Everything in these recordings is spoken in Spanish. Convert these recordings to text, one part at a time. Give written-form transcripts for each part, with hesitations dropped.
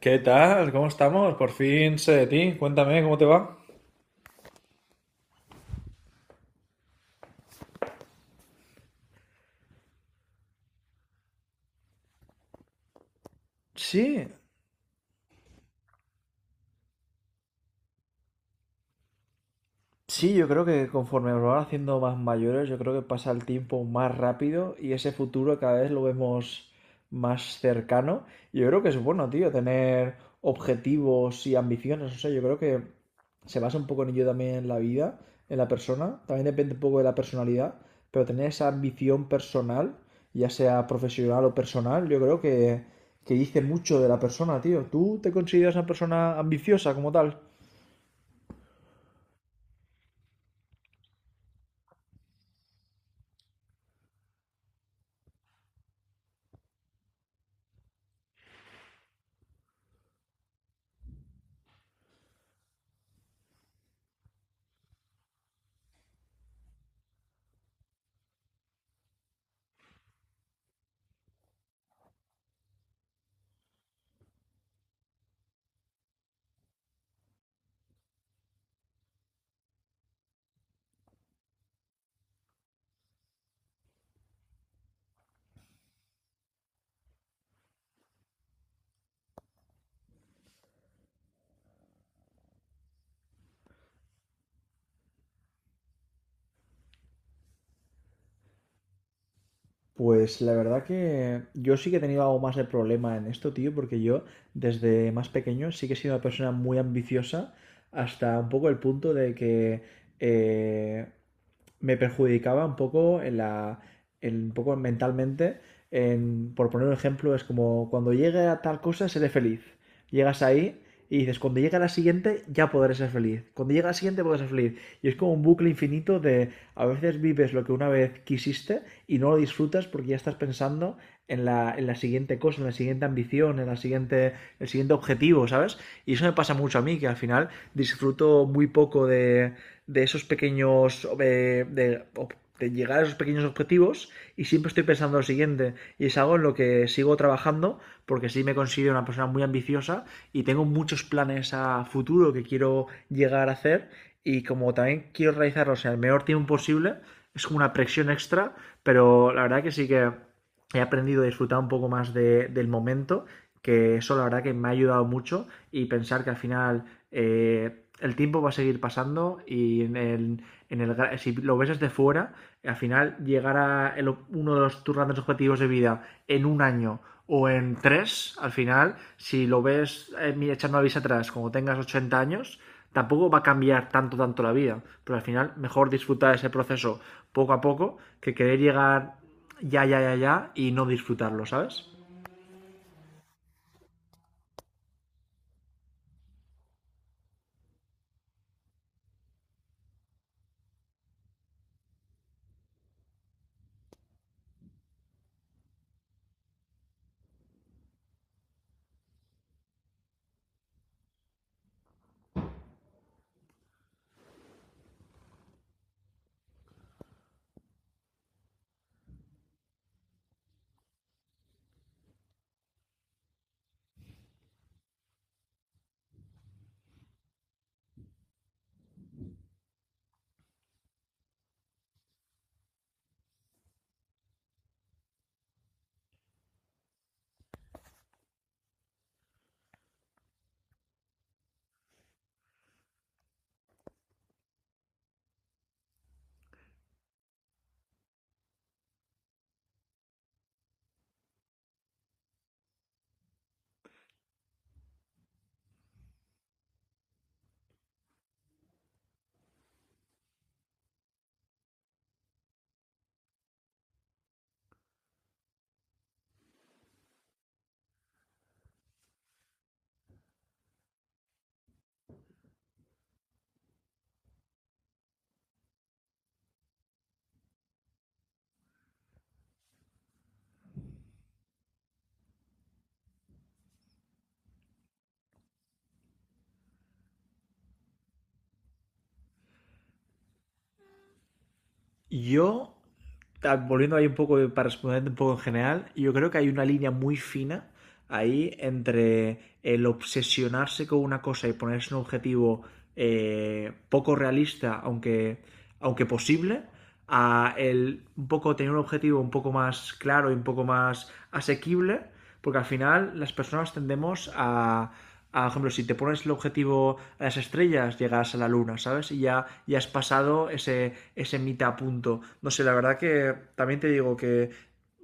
¿Qué tal? ¿Cómo estamos? Por fin sé de ti. Cuéntame, ¿cómo te va? Sí. Sí, yo creo que conforme nos van haciendo más mayores, yo creo que pasa el tiempo más rápido y ese futuro cada vez lo vemos más cercano. Yo creo que es bueno, tío, tener objetivos y ambiciones. O sea, yo creo que se basa un poco en ello también en la vida, en la persona. También depende un poco de la personalidad, pero tener esa ambición personal, ya sea profesional o personal, yo creo que dice mucho de la persona, tío. ¿Tú te consideras una persona ambiciosa como tal? Pues la verdad que yo sí que he tenido algo más de problema en esto, tío, porque yo desde más pequeño sí que he sido una persona muy ambiciosa hasta un poco el punto de que eh, me perjudicaba un poco en un poco mentalmente. Por poner un ejemplo, es como cuando llegue a tal cosa, seré feliz. Llegas ahí y dices, cuando llegue a la siguiente, ya podré ser feliz. Cuando llegue a la siguiente, podré ser feliz. Y es como un bucle infinito de a veces vives lo que una vez quisiste y no lo disfrutas porque ya estás pensando en la siguiente cosa, en la siguiente ambición, en la siguiente, el siguiente objetivo, ¿sabes? Y eso me pasa mucho a mí, que al final disfruto muy poco de esos pequeños, de llegar a esos pequeños objetivos y siempre estoy pensando lo siguiente y es algo en lo que sigo trabajando porque sí me considero una persona muy ambiciosa y tengo muchos planes a futuro que quiero llegar a hacer y como también quiero realizarlos en el menor tiempo posible, es como una presión extra, pero la verdad que sí que he aprendido a disfrutar un poco más del momento, que eso la verdad que me ha ayudado mucho, y pensar que al final el tiempo va a seguir pasando y en el, si lo ves desde fuera, al final llegar a uno de tus grandes objetivos de vida en un año o en tres, al final, si lo ves mira, echando la vista atrás cuando tengas 80 años, tampoco va a cambiar tanto, tanto la vida. Pero al final, mejor disfrutar ese proceso poco a poco que querer llegar ya, ya, ya, ya y no disfrutarlo, ¿sabes? Yo, volviendo ahí un poco, para responder un poco en general, yo creo que hay una línea muy fina ahí entre el obsesionarse con una cosa y ponerse un objetivo poco realista, aunque posible, a el un poco tener un objetivo un poco más claro y un poco más asequible, porque al final las personas tendemos a por ejemplo, si te pones el objetivo a las estrellas, llegas a la luna, ¿sabes? Y ya, ya has pasado ese mitad punto. No sé, la verdad que también te digo que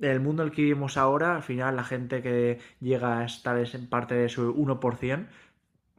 en el mundo en el que vivimos ahora, al final la gente que llega a estar en parte de su 1%,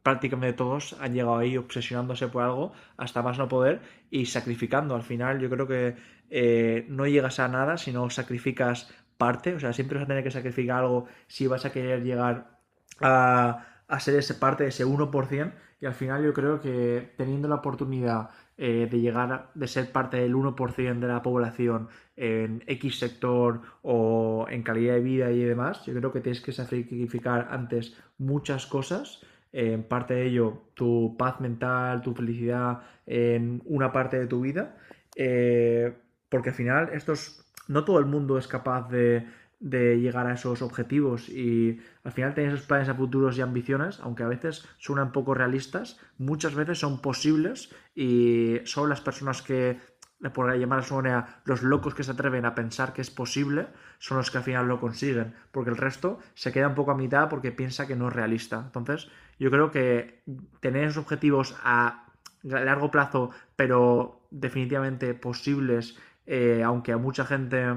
prácticamente todos han llegado ahí obsesionándose por algo hasta más no poder y sacrificando. Al final yo creo que no llegas a nada si no sacrificas parte, o sea, siempre vas a tener que sacrificar algo si vas a querer llegar a ser ese parte ese uno por 1%, y al final yo creo que teniendo la oportunidad de llegar, de ser parte del 1% de la población en X sector o en calidad de vida y demás, yo creo que tienes que sacrificar antes muchas cosas, en parte de ello tu paz mental, tu felicidad en una parte de tu vida. eh, Porque al final estos, no todo el mundo es capaz de llegar a esos objetivos y al final tener esos planes a futuros y ambiciones, aunque a veces suenan poco realistas, muchas veces son posibles y son las personas que, por llamar a su manera, los locos que se atreven a pensar que es posible son los que al final lo consiguen, porque el resto se queda un poco a mitad porque piensa que no es realista. Entonces, yo creo que tener esos objetivos a largo plazo, pero definitivamente posibles, aunque a mucha gente...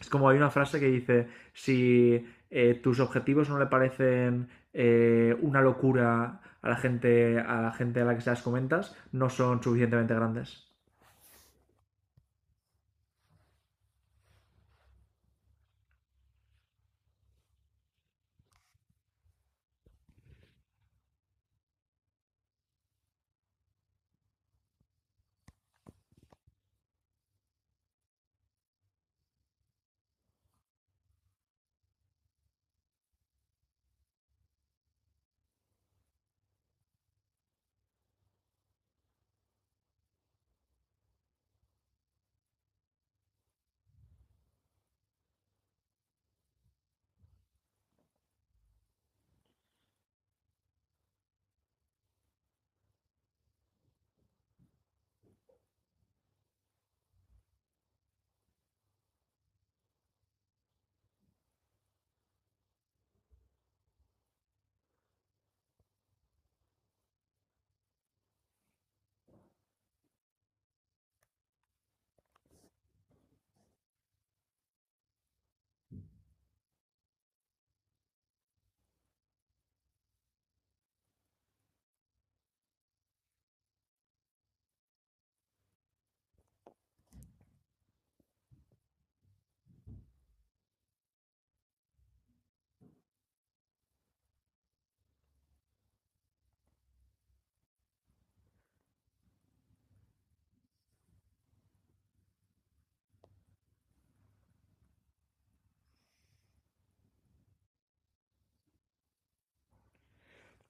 Es como hay una frase que dice, si tus objetivos no le parecen una locura a la gente a la que se las comentas, no son suficientemente grandes.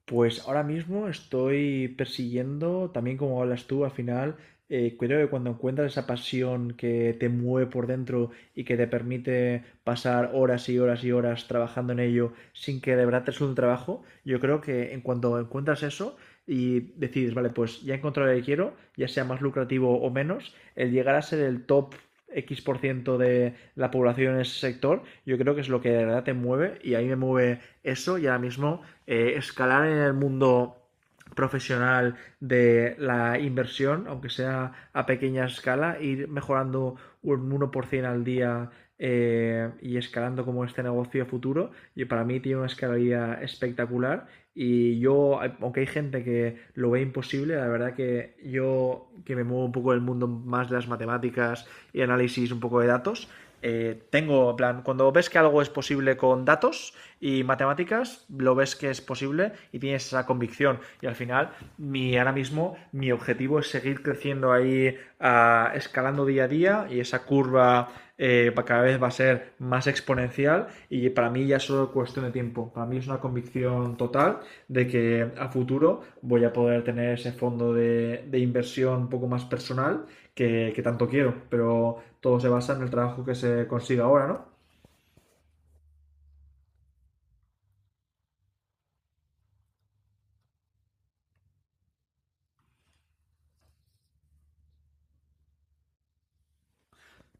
Pues ahora mismo estoy persiguiendo, también como hablas tú, al final, creo que cuando encuentras esa pasión que te mueve por dentro y que te permite pasar horas y horas y horas trabajando en ello sin que de verdad te resulte un trabajo, yo creo que en cuanto encuentras eso y decides, vale, pues ya he encontrado lo que quiero, ya sea más lucrativo o menos, el llegar a ser el top X% por ciento de la población en ese sector, yo creo que es lo que de verdad te mueve y a mí me mueve eso. Y ahora mismo escalar en el mundo profesional de la inversión, aunque sea a pequeña escala, ir mejorando un 1% al día y escalando como este negocio futuro. Y para mí tiene una escalabilidad espectacular. Y yo, aunque hay gente que lo ve imposible, la verdad que yo, que me muevo un poco del mundo más de las matemáticas y análisis un poco de datos, tengo, en plan, cuando ves que algo es posible con datos y matemáticas, lo ves que es posible y tienes esa convicción. Y al final, ahora mismo, mi objetivo es seguir creciendo ahí, escalando día a día, y esa curva cada vez va a ser más exponencial y para mí ya es solo cuestión de tiempo. Para mí es una convicción total de que a futuro voy a poder tener ese fondo de inversión un poco más personal que tanto quiero, pero todo se basa en el trabajo que se consiga ahora, ¿no?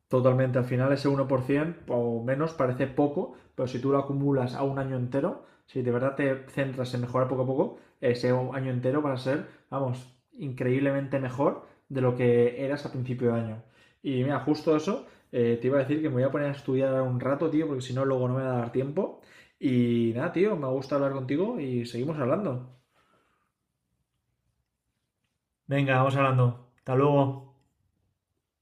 Totalmente, al final ese 1% o menos parece poco, pero si tú lo acumulas a un año entero, si de verdad te centras en mejorar poco a poco, ese año entero va a ser, vamos, increíblemente mejor de lo que eras a principio de año. Y mira, justo eso, te iba a decir que me voy a poner a estudiar un rato, tío, porque si no, luego no me va a dar tiempo. Y nada, tío, me gusta hablar contigo y seguimos hablando. Venga, vamos hablando. Hasta luego.